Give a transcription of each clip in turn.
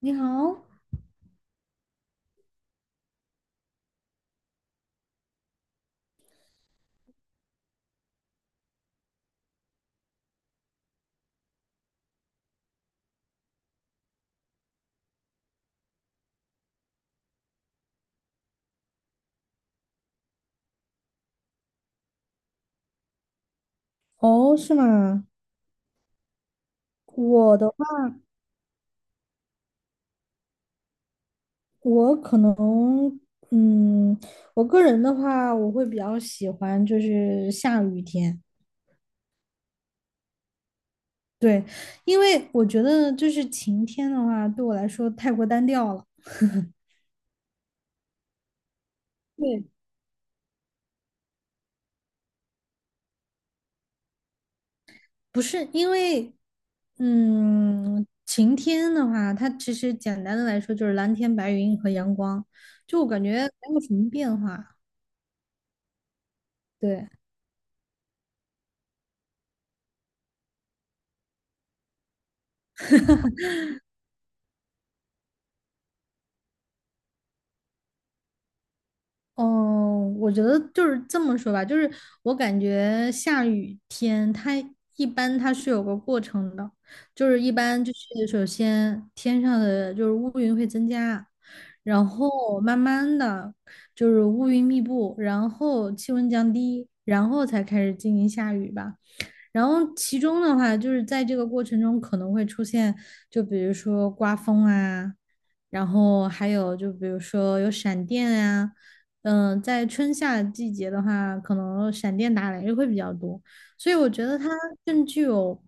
你好，哦，是吗？我的话，我可能，嗯，我个人的话，我会比较喜欢就是下雨天，对，因为我觉得就是晴天的话，对我来说太过单调了。对，不是因为，晴天的话，它其实简单的来说就是蓝天白云和阳光，就我感觉没有什么变化。对，哦，我觉得就是这么说吧，就是我感觉下雨天它一般是有个过程的，就是一般就是首先天上的就是乌云会增加，然后慢慢的就是乌云密布，然后气温降低，然后才开始进行下雨吧。然后其中的话，就是在这个过程中可能会出现，就比如说刮风啊，然后还有就比如说有闪电啊，在春夏季节的话，可能闪电打雷会比较多，所以我觉得它更具有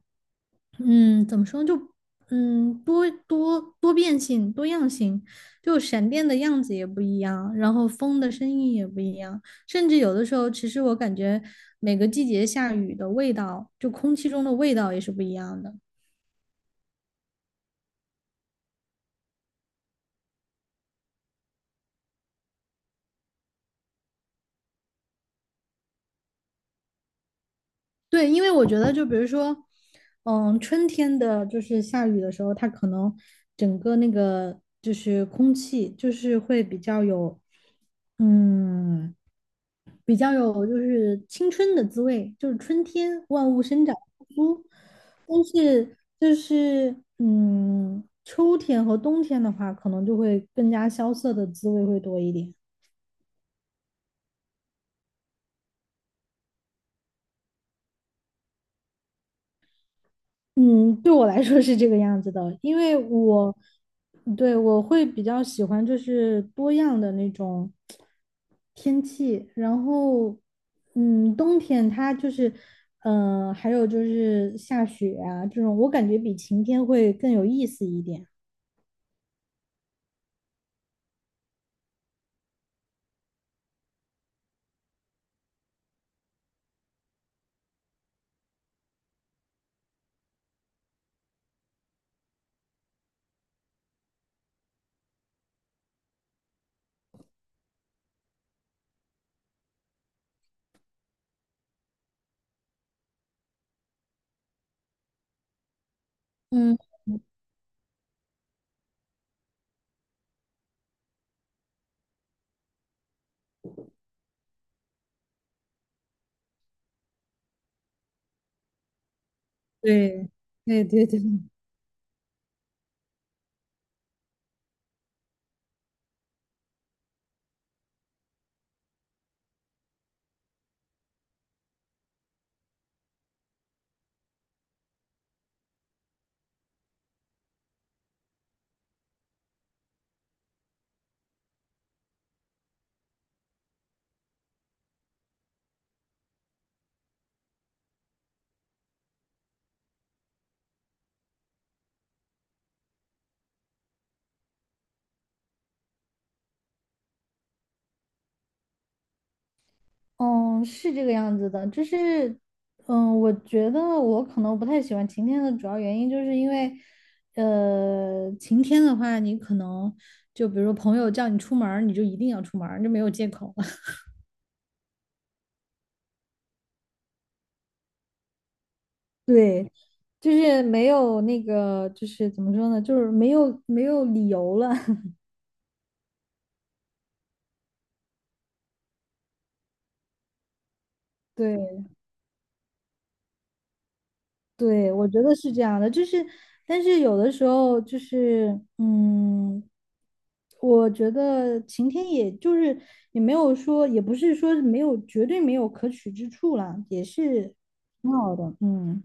怎么说呢就多变性、多样性，就闪电的样子也不一样，然后风的声音也不一样，甚至有的时候，其实我感觉每个季节下雨的味道，就空气中的味道也是不一样的。对，因为我觉得，就比如说，春天的就是下雨的时候，它可能整个那个就是空气就是会比较有，嗯。比较有就是青春的滋味，就是春天万物生长复苏。但是就是秋天和冬天的话，可能就会更加萧瑟的滋味会多一点。嗯，对我来说是这个样子的，因为我，对，我会比较喜欢就是多样的那种天气，然后，冬天它就是，还有就是下雪啊这种，我感觉比晴天会更有意思一点。嗯，对，对对对，嗯，是这个样子的，就是，我觉得我可能不太喜欢晴天的主要原因，就是因为，晴天的话，你可能就比如说朋友叫你出门儿你就一定要出门儿就没有借口了。对，就是没有那个，就是怎么说呢，就是没有理由了。对。对，我觉得是这样的，就是，但是有的时候就是，我觉得晴天也就是也没有说，也不是说没有，绝对没有可取之处啦，也是挺好的，嗯，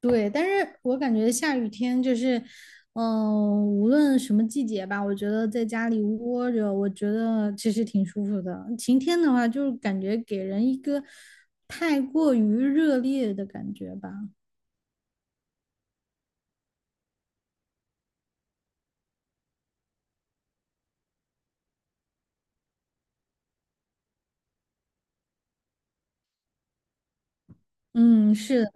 对，但是我感觉下雨天就是，无论什么季节吧，我觉得在家里窝着，我觉得其实挺舒服的。晴天的话，就是感觉给人一个太过于热烈的感觉吧。嗯，是的，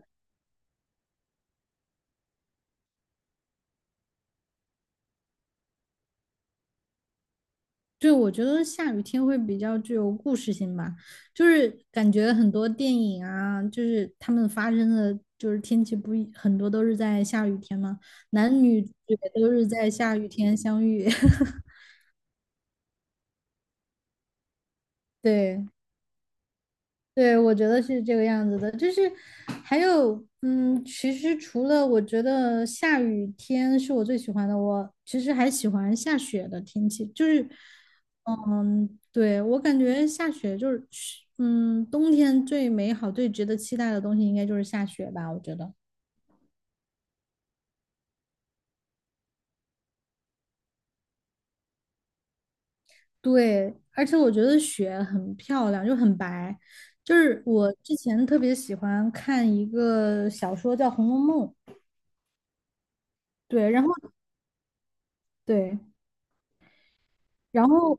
对，我觉得下雨天会比较具有故事性吧，就是感觉很多电影啊，就是他们发生的就是天气不一，很多都是在下雨天嘛，男女主角都是在下雨天相遇，对。对，我觉得是这个样子的，就是还有，其实除了我觉得下雨天是我最喜欢的，我其实还喜欢下雪的天气，就是，嗯，对，我感觉下雪就是，冬天最美好、最值得期待的东西应该就是下雪吧，我觉得。对，而且我觉得雪很漂亮，就很白，就是我之前特别喜欢看一个小说叫《红楼梦》，对，然后对。然后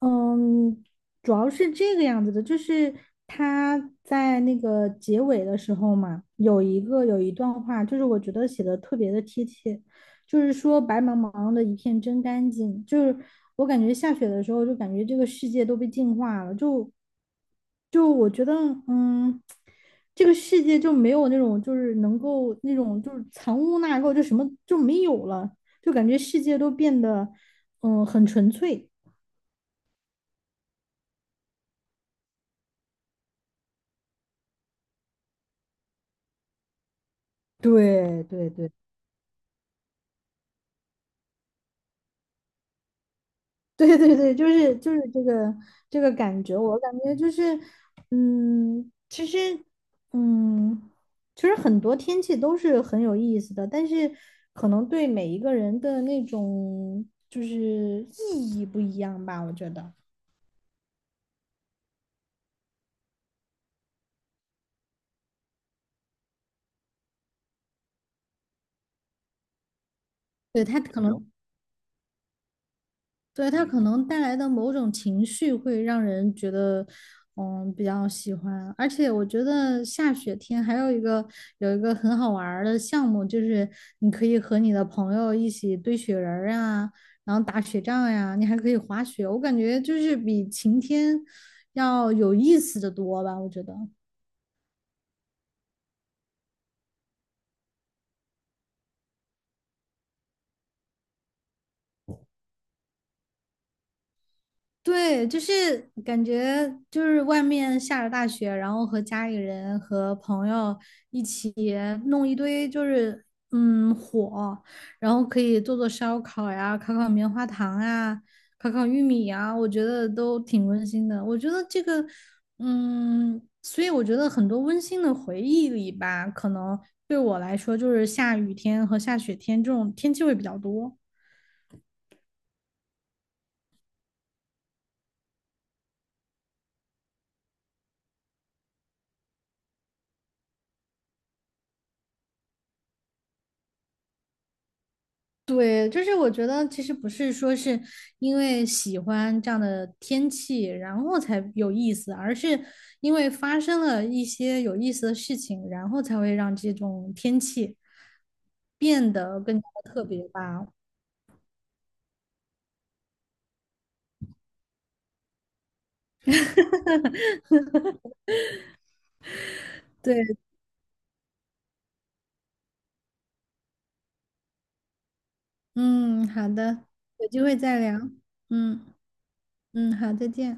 嗯，主要是这个样子的，就是他在那个结尾的时候嘛，有一段话，就是我觉得写的特别的贴切，就是说白茫茫的一片真干净，就是我感觉下雪的时候，就感觉这个世界都被净化了，就我觉得，嗯，这个世界就没有那种就是能够那种就是藏污纳垢，就什么就没有了，就感觉世界都变得很纯粹。对对对对对对，就是这个感觉，我感觉就是，其实，嗯，其实很多天气都是很有意思的，但是可能对每一个人的那种就是意义不一样吧，我觉得，对，他可能对，它可能带来的某种情绪会让人觉得，比较喜欢。而且我觉得下雪天还有一个很好玩儿的项目，就是你可以和你的朋友一起堆雪人儿啊，然后打雪仗呀，你还可以滑雪。我感觉就是比晴天要有意思的多吧，我觉得。对，就是感觉就是外面下着大雪，然后和家里人和朋友一起弄一堆就是火，然后可以做做烧烤呀，烤烤棉花糖啊，烤烤玉米呀，我觉得都挺温馨的。我觉得这个所以我觉得很多温馨的回忆里吧，可能对我来说就是下雨天和下雪天这种天气会比较多。对，就是我觉得其实不是说是因为喜欢这样的天气，然后才有意思，而是因为发生了一些有意思的事情，然后才会让这种天气变得更加的特别吧。对，嗯，好的，有机会再聊。嗯嗯，好，再见。